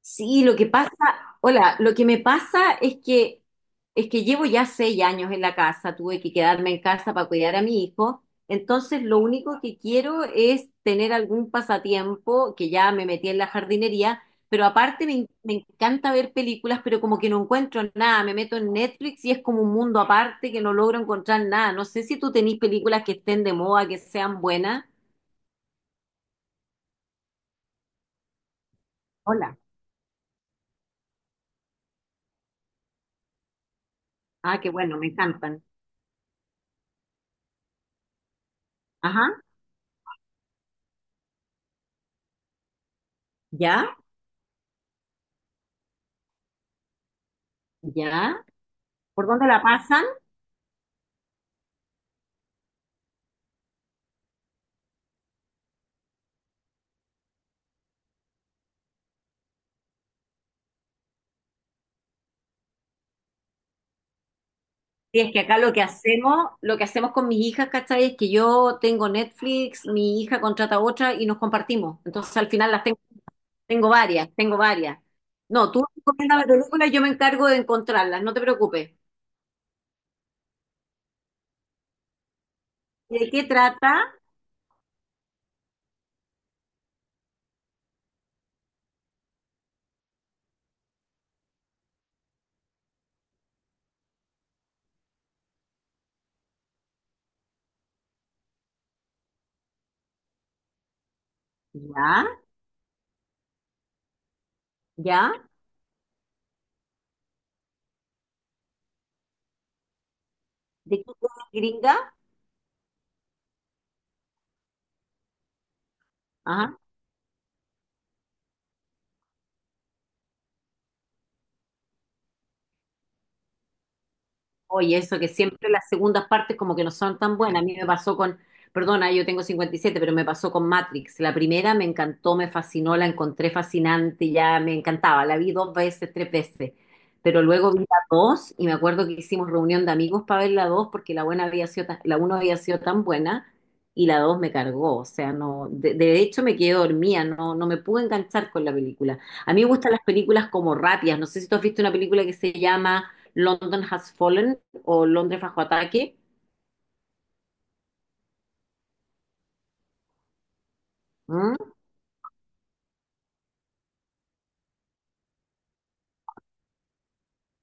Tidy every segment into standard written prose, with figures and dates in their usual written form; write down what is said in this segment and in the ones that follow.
Sí, lo que pasa, hola, lo que me pasa es que llevo ya 6 años en la casa. Tuve que quedarme en casa para cuidar a mi hijo, entonces lo único que quiero es tener algún pasatiempo, que ya me metí en la jardinería, pero aparte me encanta ver películas, pero como que no encuentro nada. Me meto en Netflix y es como un mundo aparte que no logro encontrar nada. No sé si tú tenés películas que estén de moda, que sean buenas. Hola. Ah, qué bueno, me encantan. Ajá, ya, ya. ¿Por dónde la pasan? Sí, es que acá lo que hacemos con mis hijas, ¿cachai? Es que yo tengo Netflix, mi hija contrata otra y nos compartimos. Entonces al final las tengo, tengo varias, tengo varias. No, tú recomiendas la película y yo me encargo de encontrarlas, no te preocupes. ¿De qué trata? Ya, ya. ¿De qué trata, gringa? Ajá. Oye, eso que siempre las segundas partes como que no son tan buenas. A mí me pasó con, perdona, yo tengo 57, pero me pasó con Matrix. La primera me encantó, me fascinó, la encontré fascinante, ya me encantaba. La vi dos veces, tres veces. Pero luego vi la dos y me acuerdo que hicimos reunión de amigos para ver la dos porque la buena había sido tan- la uno había sido tan buena y la dos me cargó. O sea, no, de hecho me quedé dormida, no, no me pude enganchar con la película. A mí me gustan las películas como rápidas. No sé si tú has visto una película que se llama London Has Fallen, o Londres bajo ataque, ¿m?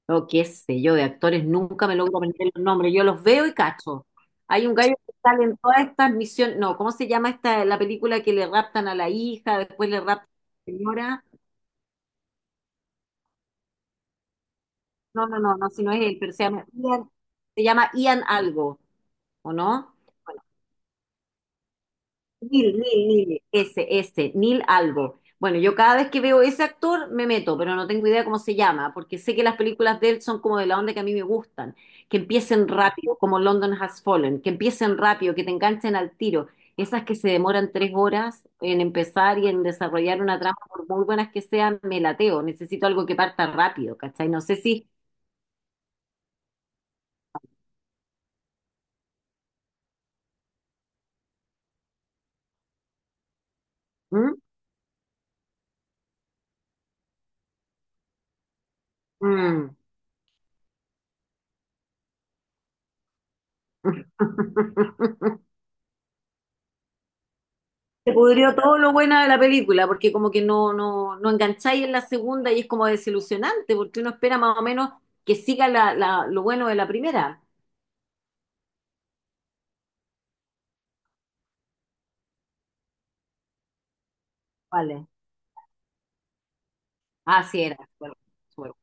O qué sé yo, de actores nunca me logro aprender los nombres, yo los veo y cacho. Hay un gallo que sale en todas estas misiones, no, ¿cómo se llama esta, la película que le raptan a la hija, después le raptan a la señora? No, no, no, no, si no es él, pero se llama Ian algo, ¿o no? Neil, Neil, Neil, ese, Neil algo. Bueno, yo cada vez que veo ese actor me meto, pero no tengo idea cómo se llama, porque sé que las películas de él son como de la onda que a mí me gustan, que empiecen rápido, como London Has Fallen, que empiecen rápido, que te enganchen al tiro. Esas que se demoran 3 horas en empezar y en desarrollar una trama, por muy buenas que sean, me lateo. Necesito algo que parta rápido, ¿cachai? No sé si. ¿Mm? Mm. Se pudrió todo lo bueno de la película, porque como que no engancháis en la segunda y es como desilusionante, porque uno espera más o menos que siga lo bueno de la primera. Vale. Ah, sí era. Bueno, bueno.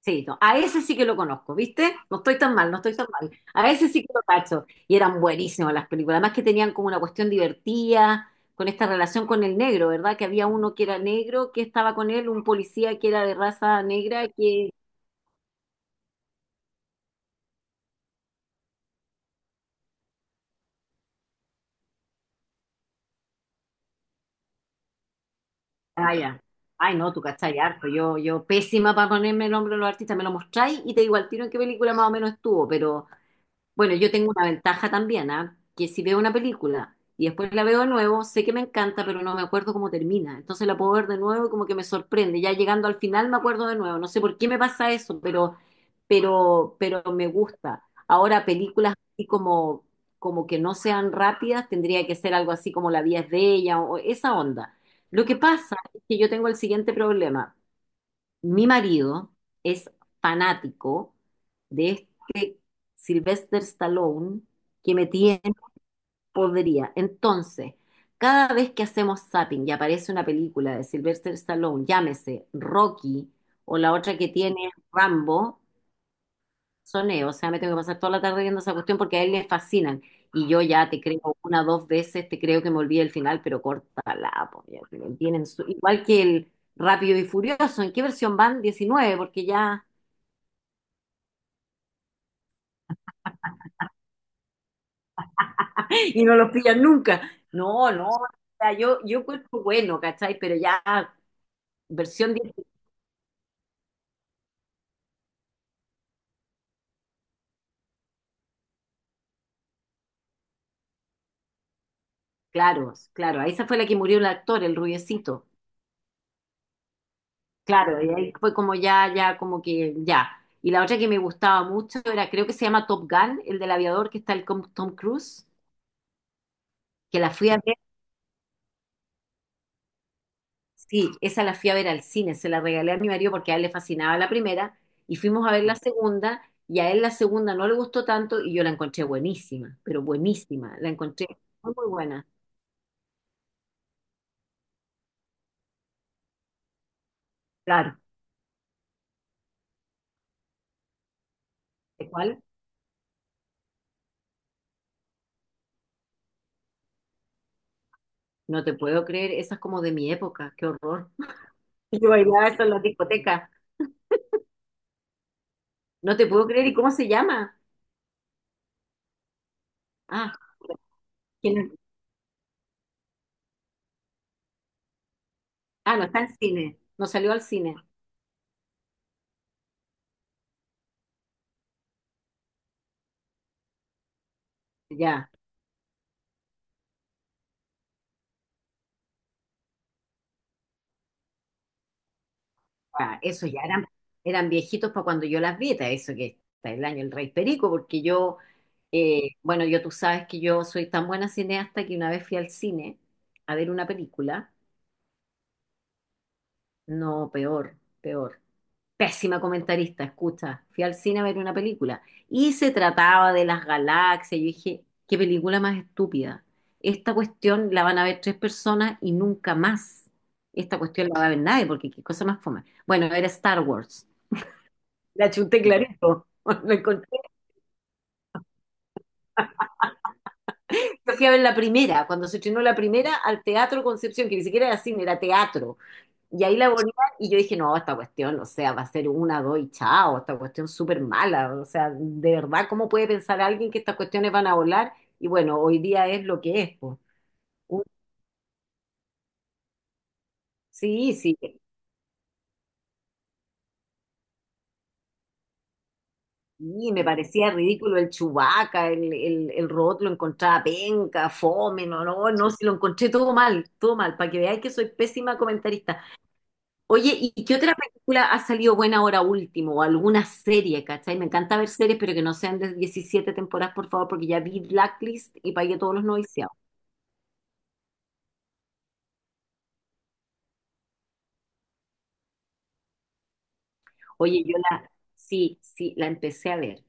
Sí, no, a ese sí que lo conozco, ¿viste? No estoy tan mal, no estoy tan mal. A ese sí que lo cacho. Y eran buenísimas las películas. Además que tenían como una cuestión divertida, con esta relación con el negro, ¿verdad? Que había uno que era negro, que estaba con él, un policía que era de raza negra, que. Ah, ya. Ay, no, tú cachai harto. Yo pésima para ponerme el nombre de los artistas. Me lo mostráis y te digo al tiro en qué película más o menos estuvo. Pero bueno, yo tengo una ventaja también, ¿ah? Que si veo una película y después la veo de nuevo, sé que me encanta, pero no me acuerdo cómo termina. Entonces la puedo ver de nuevo y como que me sorprende. Ya llegando al final me acuerdo de nuevo. No sé por qué me pasa eso, pero me gusta. Ahora, películas así como que no sean rápidas, tendría que ser algo así como La vida es bella o esa onda. Lo que pasa es que yo tengo el siguiente problema. Mi marido es fanático de este Sylvester Stallone, que me tiene podría. Entonces, cada vez que hacemos zapping y aparece una película de Sylvester Stallone, llámese Rocky o la otra que tiene Rambo, soné, o sea, me tengo que pasar toda la tarde viendo esa cuestión porque a él le fascinan. Y yo ya te creo una, dos veces, te creo que me olvidé el final, pero córtala, po, ya que lo tienen igual que el Rápido y Furioso. ¿En qué versión van? 19, porque ya, y no los pillan nunca. No, no, o sea, yo encuentro bueno, ¿cachai? Pero ya, versión 10, claro, claro, esa fue la que murió el actor, el rubiecito. Claro, y ahí fue como ya, ya, como que ya. Y la otra que me gustaba mucho era, creo que se llama Top Gun, el del aviador, que está el Tom Cruise, que la fui a ver, sí, esa la fui a ver al cine, se la regalé a mi marido porque a él le fascinaba la primera, y fuimos a ver la segunda, y a él la segunda no le gustó tanto, y yo la encontré buenísima, pero buenísima, la encontré muy, muy buena. Claro, ¿de cuál? No te puedo creer, esa es como de mi época, qué horror. Yo bailaba eso en la discoteca, no te puedo creer, ¿y cómo se llama? Ah, ¿quién es? Ah, no está en cine, no salió al cine. Ya, ah, eso ya eran viejitos para cuando yo las vi, ta, eso que está el año el Rey Perico. Porque yo, bueno, yo, tú sabes que yo soy tan buena cineasta que una vez fui al cine a ver una película, no, peor, peor. Pésima comentarista, escucha, fui al cine a ver una película y se trataba de las galaxias. Yo dije, qué película más estúpida. Esta cuestión la van a ver tres personas y nunca más. Esta cuestión la va a ver nadie porque qué cosa más fome. Bueno, era Star Wars. La chuté clarito. Lo encontré. Yo fui a ver la primera, cuando se estrenó la primera, al Teatro Concepción, que ni siquiera era cine, era teatro. Y ahí la ponían y yo dije, no, esta cuestión, o sea, va a ser una, dos y chao, esta cuestión súper mala, o sea, de verdad, ¿cómo puede pensar alguien que estas cuestiones van a volar? Y bueno, hoy día es lo que es, pues. Un- Sí, sí, y me parecía ridículo el Chewbacca, el robot lo encontraba penca, fome, no, no, no, si lo encontré todo mal, para que veáis que soy pésima comentarista. Oye, ¿y qué otra película ha salido buena ahora último? O alguna serie, ¿cachai? Me encanta ver series, pero que no sean de 17 temporadas, por favor, porque ya vi Blacklist y pagué todos los noviciados. Oye, sí, sí, la empecé a ver.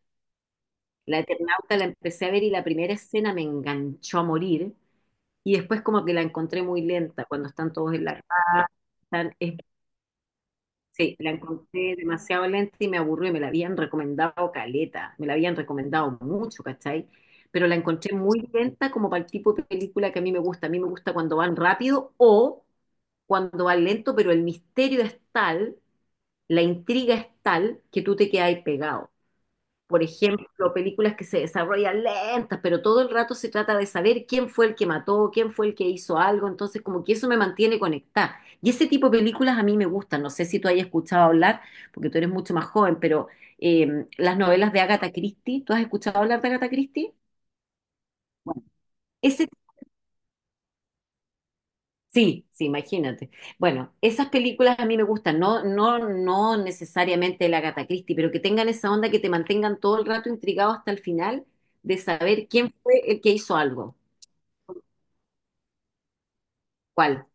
La Eternauta la empecé a ver y la primera escena me enganchó a morir. Y después como que la encontré muy lenta, cuando están todos en la casa, están- es Sí, la encontré demasiado lenta y me aburrió y me la habían recomendado caleta, me la habían recomendado mucho, ¿cachai? Pero la encontré muy lenta como para el tipo de película que a mí me gusta. A mí me gusta cuando van rápido o cuando van lento, pero el misterio es tal, la intriga es tal que tú te quedas ahí pegado. Por ejemplo, películas que se desarrollan lentas, pero todo el rato se trata de saber quién fue el que mató, quién fue el que hizo algo, entonces como que eso me mantiene conectada. Y ese tipo de películas a mí me gustan, no sé si tú hayas escuchado hablar, porque tú eres mucho más joven. Pero las novelas de Agatha Christie, ¿tú has escuchado hablar de Agatha Christie? Bueno, ese. Sí, sí, imagínate. Bueno, esas películas a mí me gustan, no, no, no necesariamente la Agatha Christie, pero que tengan esa onda que te mantengan todo el rato intrigado hasta el final de saber quién fue el que hizo algo. ¿Cuál?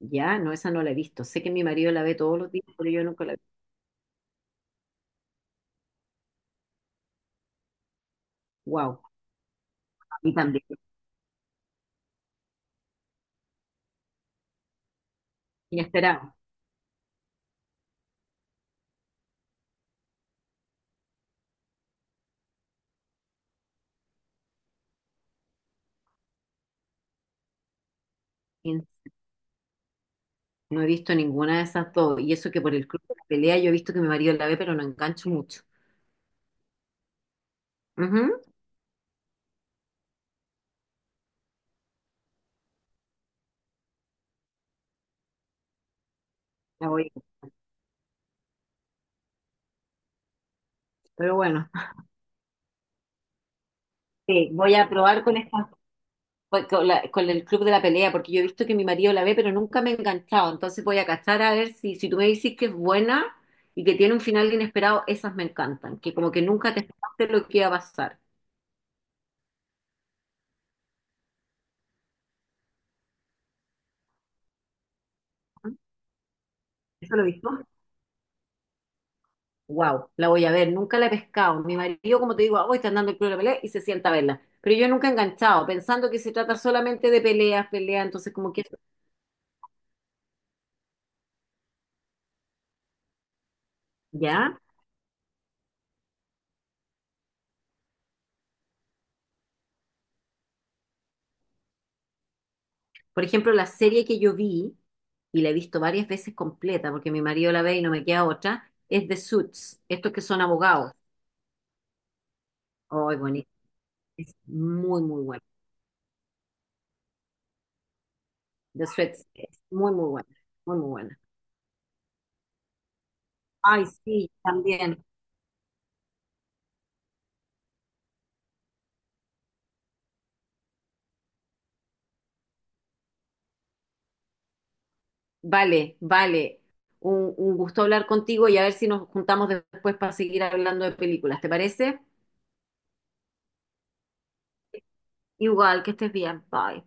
Ya, no, esa no la he visto. Sé que mi marido la ve todos los días, pero yo nunca la he visto. Wow, a mí también. Inesperado. In- No he visto ninguna de esas dos. Y eso que por el club de la pelea yo he visto que mi marido la ve, pero no engancho mucho. Ujú, la voy a- Pero bueno, sí, voy a probar con esta. Pues con el club de la pelea, porque yo he visto que mi marido la ve, pero nunca me he enganchado. Entonces voy a cachar a ver si tú me dices que es buena y que tiene un final inesperado, esas me encantan, que como que nunca te esperaste lo que iba a pasar. ¿Eso lo he visto? Wow, la voy a ver, nunca la he pescado. Mi marido, como te digo, hoy está andando el club de la pelea y se sienta a verla. Pero yo nunca he enganchado, pensando que se trata solamente de peleas, peleas, entonces como que. ¿Ya? Por ejemplo, la serie que yo vi, y la he visto varias veces completa, porque mi marido la ve y no me queda otra, es The Suits, estos que son abogados. Ay, bonito. Es muy, muy buena. The Suits es muy, muy buena. Muy, muy buena. Ay, sí, también. Vale, vale. Un gusto hablar contigo y a ver si nos juntamos después para seguir hablando de películas. ¿Te parece? Igual, que estés bien. Bye.